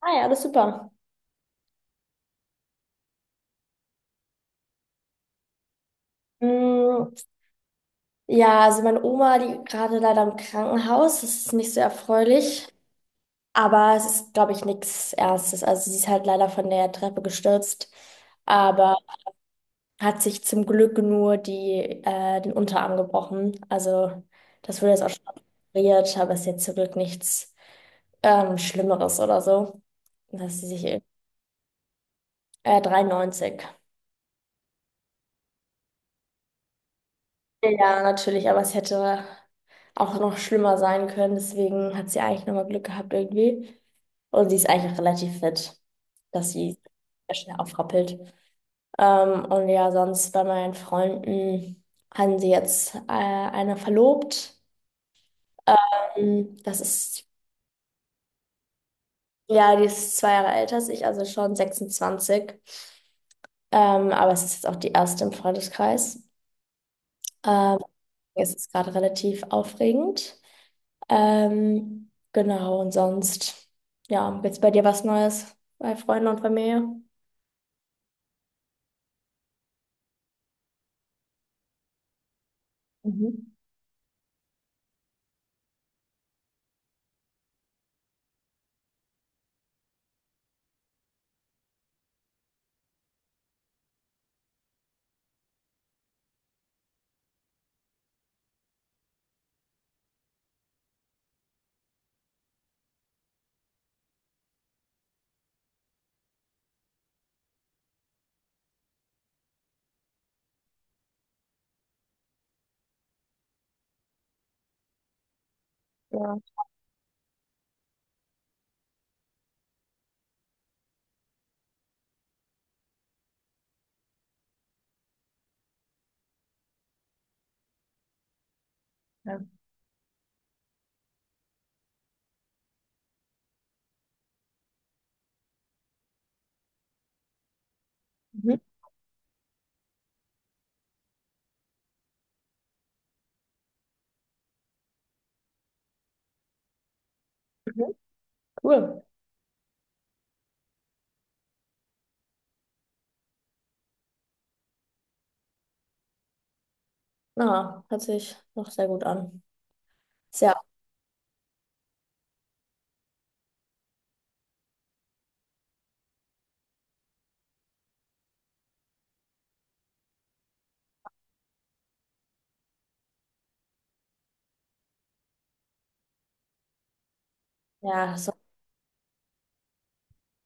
Ah ja, alles super. Mm. Ja, also meine Oma, die gerade leider im Krankenhaus, das ist nicht so erfreulich, aber es ist, glaube ich, nichts Ernstes. Also sie ist halt leider von der Treppe gestürzt, aber hat sich zum Glück nur den Unterarm gebrochen. Also das wurde jetzt auch schon operiert, aber es ist jetzt zum Glück nichts Schlimmeres oder so. Dass sie sich 93. Ja, natürlich, aber es hätte auch noch schlimmer sein können. Deswegen hat sie eigentlich nochmal Glück gehabt irgendwie. Und sie ist eigentlich auch relativ fit, dass sie sehr schnell aufrappelt. Und ja, sonst bei meinen Freunden haben sie jetzt eine verlobt. Ähm, das ist, ja, die ist 2 Jahre älter als ich, also schon 26. Aber es ist jetzt auch die erste im Freundeskreis. Ähm, es ist gerade relativ aufregend. Genau, und sonst, ja, gibt's bei dir was Neues bei Freunden und Familie? Mhm. Ja, ja. Mhm. Mhm. Cool. Ja, hört sich noch sehr gut an. Ja, ja, so,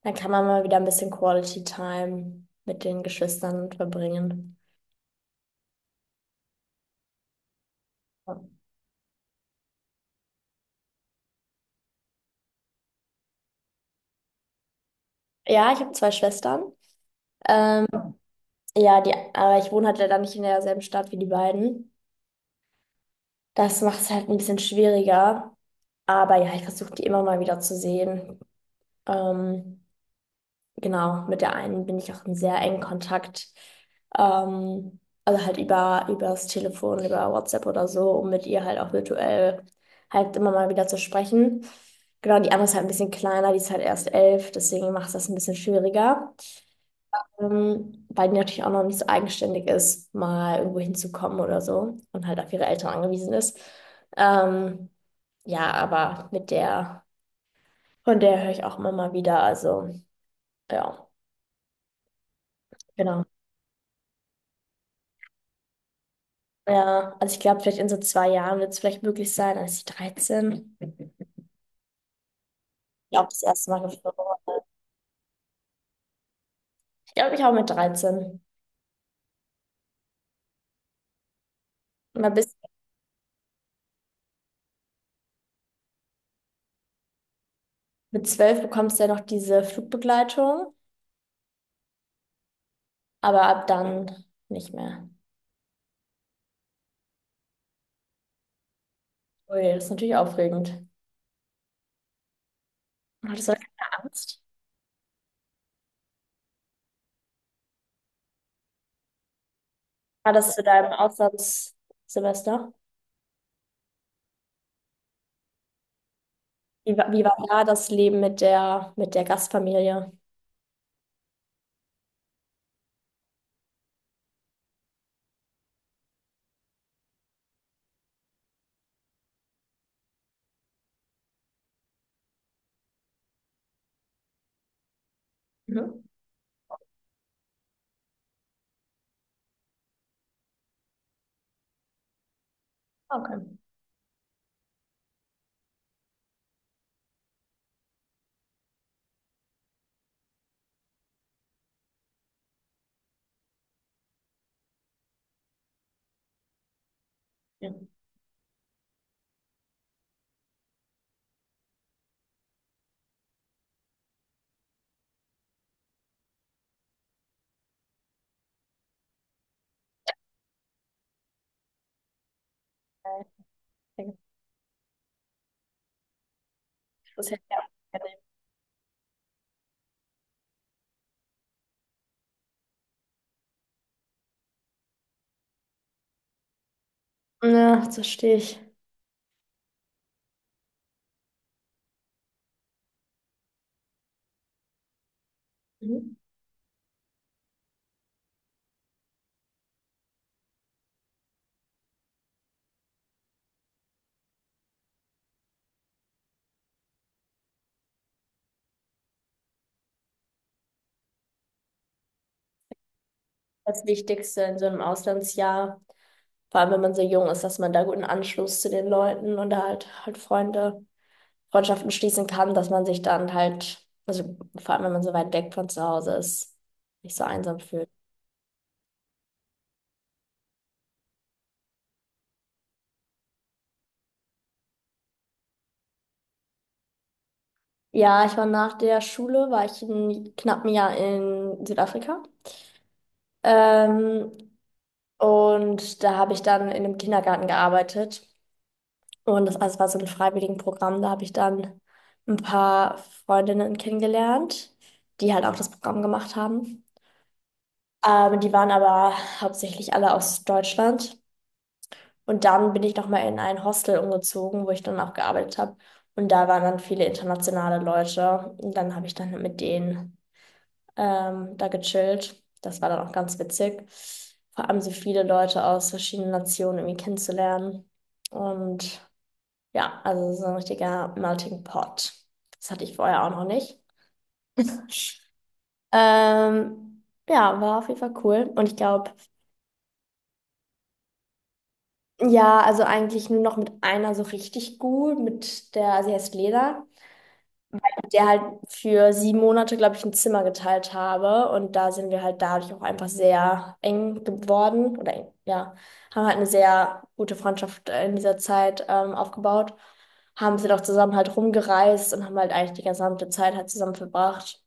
dann kann man mal wieder ein bisschen Quality Time mit den Geschwistern verbringen. Ja. Ja, ich habe zwei Schwestern. Ähm, ja, aber ich wohne halt leider nicht in derselben Stadt wie die beiden. Das macht es halt ein bisschen schwieriger. Aber ja, ich versuche die immer mal wieder zu sehen. Ähm, Genau, mit der einen bin ich auch in sehr engen Kontakt. Also halt über das Telefon, über WhatsApp oder so, um mit ihr halt auch virtuell halt immer mal wieder zu sprechen. Genau, die andere ist halt ein bisschen kleiner, die ist halt erst 11, deswegen macht es das ein bisschen schwieriger. Weil die natürlich auch noch nicht so eigenständig ist, mal irgendwo hinzukommen oder so und halt auf ihre Eltern angewiesen ist. Ähm, ja, aber von der höre ich auch immer mal wieder, also ja, genau. Ja, also ich glaube, vielleicht in so 2 Jahren wird es vielleicht möglich sein. Als ich 13, ich glaube, das erste Mal geflogen. Ich glaube, ich auch mit 13 Mal bis mit 12 bekommst du ja noch diese Flugbegleitung, aber ab dann nicht mehr. Ui, das ist natürlich aufregend. Hattest du da keine Angst? War das zu deinem Auslandssemester? Wie war da das Leben mit der Gastfamilie? Mhm. Okay. Ja. Okay. Das hätte ich auch gerne. Ja, das verstehe ich. Das Wichtigste in so einem Auslandsjahr, vor allem wenn man so jung ist, dass man da guten Anschluss zu den Leuten und da halt Freundschaften schließen kann, dass man sich dann halt, also vor allem wenn man so weit weg von zu Hause ist, nicht so einsam fühlt. Ja, ich war nach der Schule, war ich ein knappen Jahr in Südafrika. Ähm, und da habe ich dann in einem Kindergarten gearbeitet. Und das alles war so ein Freiwilligenprogramm. Da habe ich dann ein paar Freundinnen kennengelernt, die halt auch das Programm gemacht haben. Die waren aber hauptsächlich alle aus Deutschland. Und dann bin ich nochmal in ein Hostel umgezogen, wo ich dann auch gearbeitet habe. Und da waren dann viele internationale Leute. Und dann habe ich dann mit denen da gechillt. Das war dann auch ganz witzig. Vor allem so viele Leute aus verschiedenen Nationen irgendwie kennenzulernen. Und ja, also so ein richtiger Melting Pot. Das hatte ich vorher auch noch nicht. Ähm, ja, war auf jeden Fall cool. Und ich glaube, ja, also eigentlich nur noch mit einer so richtig gut, mit der, sie heißt Lena, mit der halt für 7 Monate, glaube ich, ein Zimmer geteilt habe. Und da sind wir halt dadurch auch einfach sehr eng geworden. Oder eng, ja, haben halt eine sehr gute Freundschaft in dieser Zeit aufgebaut. Haben sie doch zusammen halt rumgereist und haben halt eigentlich die gesamte Zeit halt zusammen verbracht.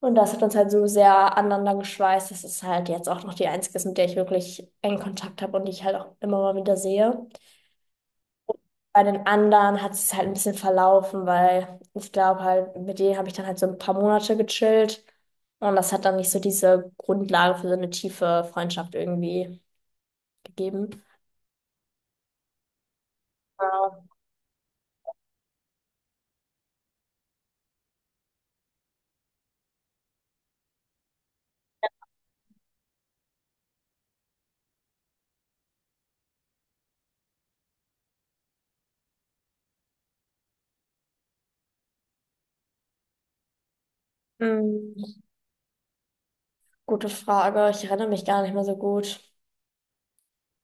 Und das hat uns halt so sehr aneinander geschweißt. Das ist halt jetzt auch noch die einzige ist, mit der ich wirklich engen Kontakt habe und die ich halt auch immer mal wieder sehe. Bei den anderen hat es halt ein bisschen verlaufen, weil ich glaube halt, mit denen habe ich dann halt so ein paar Monate gechillt. Und das hat dann nicht so diese Grundlage für so eine tiefe Freundschaft irgendwie gegeben. Ja. Hm, gute Frage. Ich erinnere mich gar nicht mehr so gut.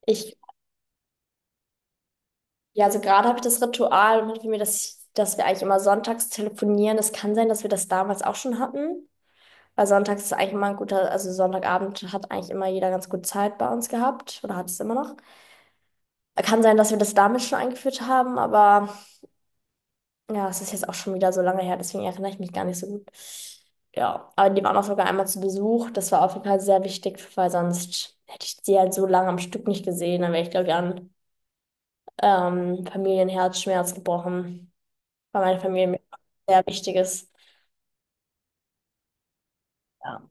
Ich Ja, also gerade habe ich das Ritual und für mir, dass wir eigentlich immer sonntags telefonieren. Es kann sein, dass wir das damals auch schon hatten. Weil sonntags ist eigentlich immer ein guter, also Sonntagabend hat eigentlich immer jeder ganz gut Zeit bei uns gehabt oder hat es immer noch. Kann sein, dass wir das damals schon eingeführt haben, aber ja, es ist jetzt auch schon wieder so lange her, deswegen erinnere ich mich gar nicht so gut. Ja, aber die waren auch sogar einmal zu Besuch. Das war auf jeden Fall sehr wichtig, weil sonst hätte ich sie halt so lange am Stück nicht gesehen. Dann wäre ich, glaube ich, an Familienherzschmerz gebrochen, weil meine Familie mir sehr wichtig ist. Ja.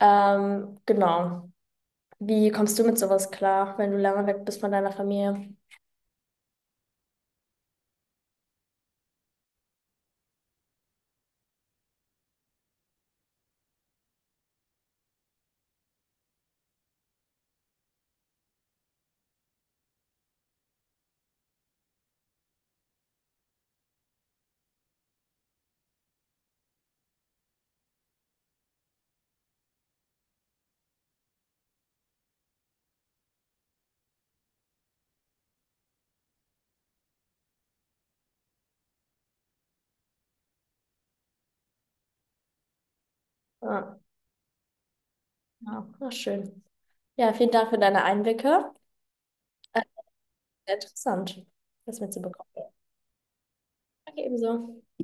Genau. Wie kommst du mit sowas klar, wenn du lange weg bist von deiner Familie? Ja, ja, na schön. Ja, vielen Dank für deine Einblicke. Äh, sehr interessant, das mitzubekommen. Ja, danke ebenso.